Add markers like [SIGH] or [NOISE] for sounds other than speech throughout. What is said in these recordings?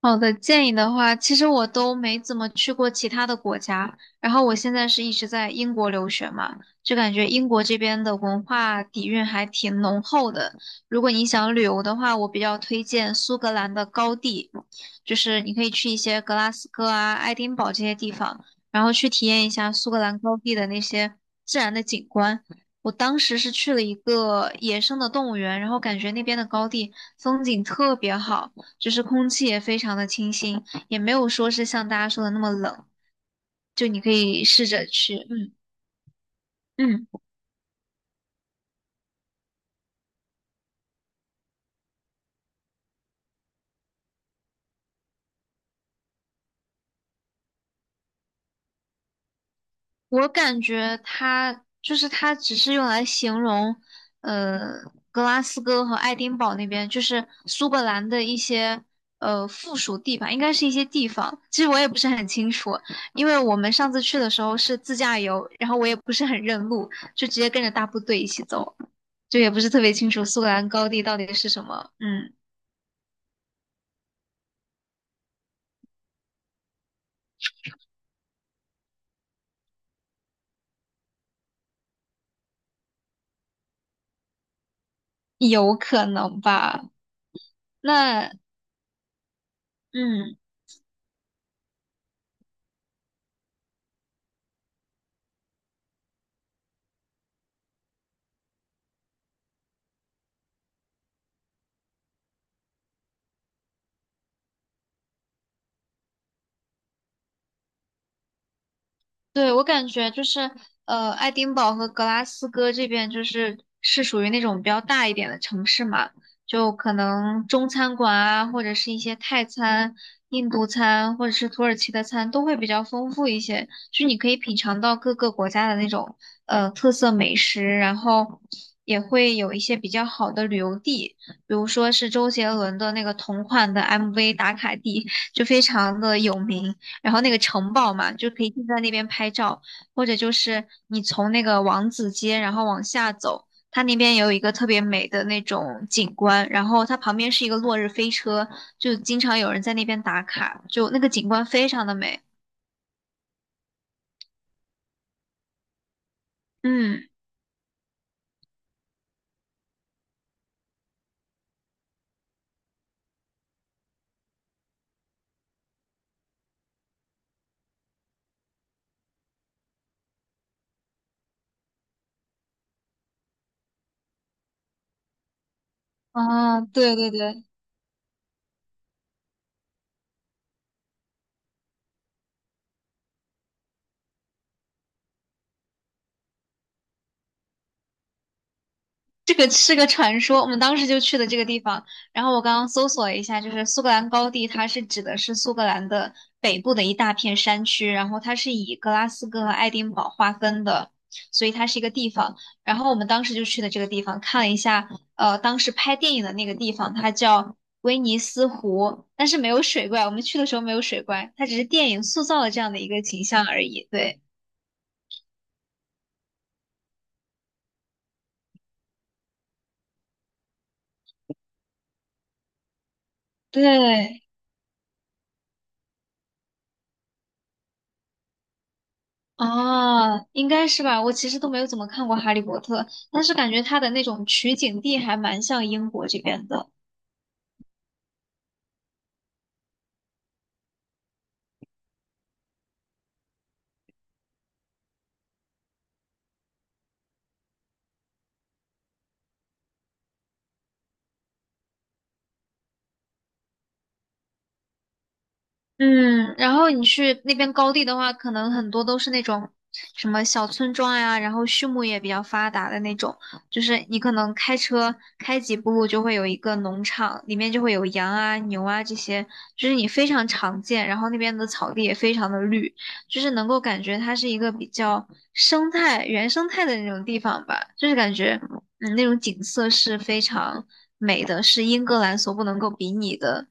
好的，建议的话，其实我都没怎么去过其他的国家，然后我现在是一直在英国留学嘛，就感觉英国这边的文化底蕴还挺浓厚的。如果你想旅游的话，我比较推荐苏格兰的高地，就是你可以去一些格拉斯哥啊、爱丁堡这些地方，然后去体验一下苏格兰高地的那些自然的景观。我当时是去了一个野生的动物园，然后感觉那边的高地风景特别好。就是空气也非常的清新，也没有说是像大家说的那么冷，就你可以试着去，嗯嗯，我感觉它就是它只是用来形容，呃，格拉斯哥和爱丁堡那边，就是苏格兰的一些附属地吧，应该是一些地方，其实我也不是很清楚，因为我们上次去的时候是自驾游，然后我也不是很认路，就直接跟着大部队一起走，就也不是特别清楚苏格兰高地到底是什么，嗯。有可能吧？那嗯，对，我感觉就是，爱丁堡和格拉斯哥这边就是是属于那种比较大一点的城市嘛，就可能中餐馆啊，或者是一些泰餐、印度餐，或者是土耳其的餐都会比较丰富一些，就是你可以品尝到各个国家的那种特色美食，然后也会有一些比较好的旅游地，比如说是周杰伦的那个同款的 MV 打卡地，就非常的有名。然后那个城堡嘛，就可以就在那边拍照，或者就是你从那个王子街然后往下走，它那边有一个特别美的那种景观，然后它旁边是一个落日飞车，就经常有人在那边打卡，就那个景观非常的美。嗯，啊，对对对，这个是个传说，我们当时就去的这个地方。然后我刚刚搜索了一下，就是苏格兰高地，它是指的是苏格兰的北部的一大片山区，然后它是以格拉斯哥和爱丁堡划分的，所以它是一个地方。然后我们当时就去的这个地方，看了一下，当时拍电影的那个地方，它叫威尼斯湖，但是没有水怪，我们去的时候没有水怪，它只是电影塑造了这样的一个形象而已。对，对，哦，应该是吧。我其实都没有怎么看过《哈利波特》，但是感觉它的那种取景地还蛮像英国这边的。嗯，然后你去那边高地的话，可能很多都是那种什么小村庄呀，然后畜牧业比较发达的那种，就是你可能开车开几步路就会有一个农场，里面就会有羊啊、牛啊这些，就是你非常常见。然后那边的草地也非常的绿，就是能够感觉它是一个比较生态、原生态的那种地方吧，就是感觉嗯那种景色是非常美的，是英格兰所不能够比拟的。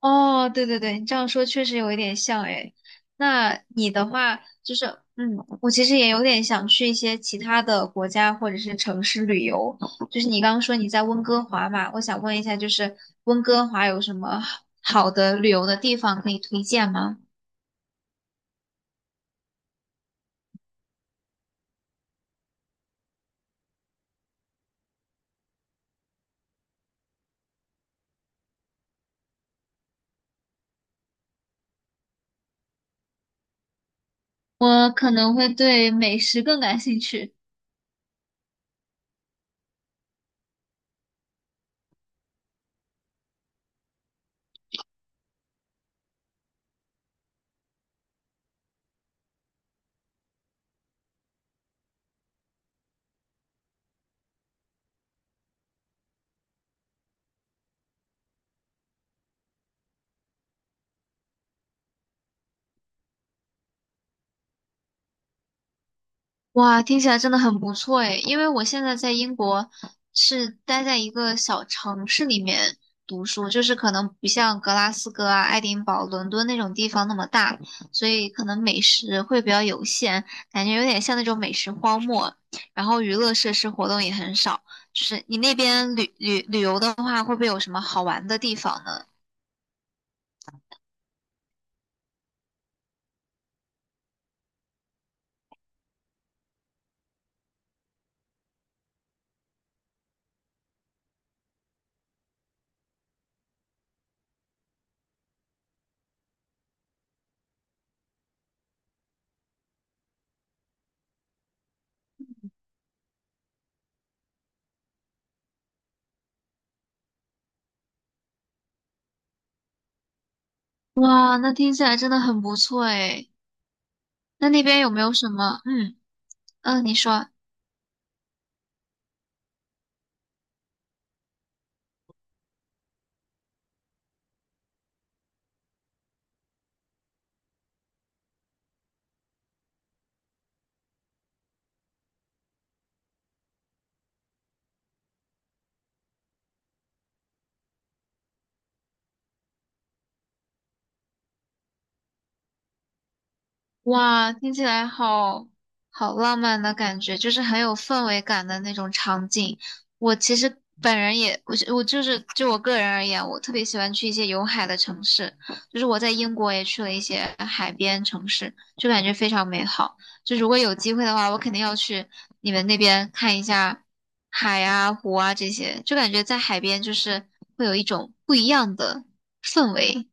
哦，对对对，你这样说确实有一点像诶。那你的话就是，嗯，我其实也有点想去一些其他的国家或者是城市旅游。就是你刚刚说你在温哥华嘛，我想问一下，就是温哥华有什么好的旅游的地方可以推荐吗？我可能会对美食更感兴趣。哇，听起来真的很不错诶，因为我现在在英国是待在一个小城市里面读书，就是可能不像格拉斯哥啊、爱丁堡、伦敦那种地方那么大，所以可能美食会比较有限，感觉有点像那种美食荒漠。然后娱乐设施活动也很少，就是你那边旅游的话，会不会有什么好玩的地方呢？哇，那听起来真的很不错诶，那那边有没有什么？嗯嗯，你说。哇，听起来好好浪漫的感觉，就是很有氛围感的那种场景。我其实本人也，我就是就我个人而言，我特别喜欢去一些有海的城市，就是我在英国也去了一些海边城市，就感觉非常美好。就如果有机会的话，我肯定要去你们那边看一下海啊、湖啊这些，就感觉在海边就是会有一种不一样的氛围。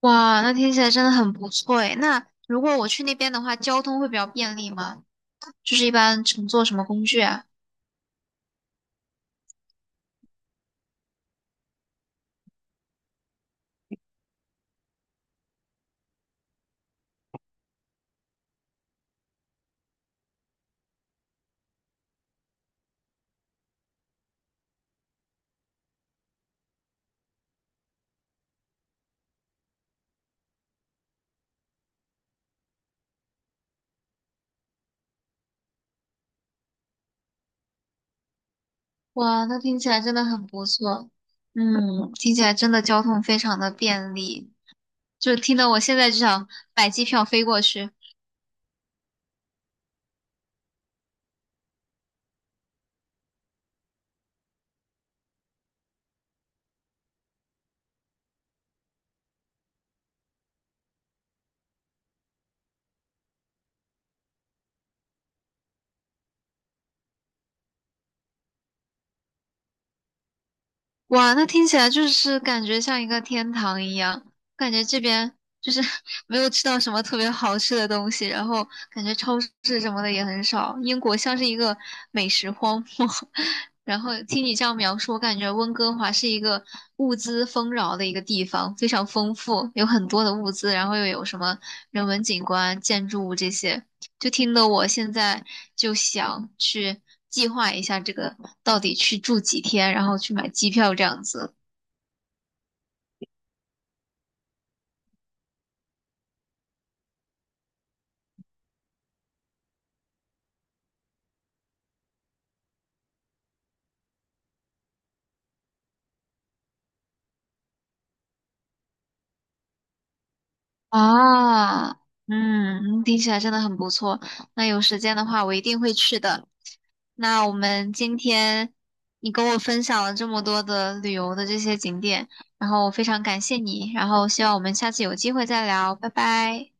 哇，那听起来真的很不错诶。那如果我去那边的话，交通会比较便利吗？就是一般乘坐什么工具啊？哇，那听起来真的很不错。嗯，听起来真的交通非常的便利，就听得我现在就想买机票飞过去。哇，那听起来就是感觉像一个天堂一样，感觉这边就是 [LAUGHS] 没有吃到什么特别好吃的东西，然后感觉超市什么的也很少，英国像是一个美食荒漠。[LAUGHS] 然后听你这样描述，我感觉温哥华是一个物资丰饶的一个地方，非常丰富，有很多的物资，然后又有什么人文景观、建筑物这些，就听得我现在就想去计划一下这个到底去住几天，然后去买机票这样子。啊，嗯，听起来真的很不错。那有时间的话，我一定会去的。那我们今天你跟我分享了这么多的旅游的这些景点，然后我非常感谢你，然后希望我们下次有机会再聊，拜拜。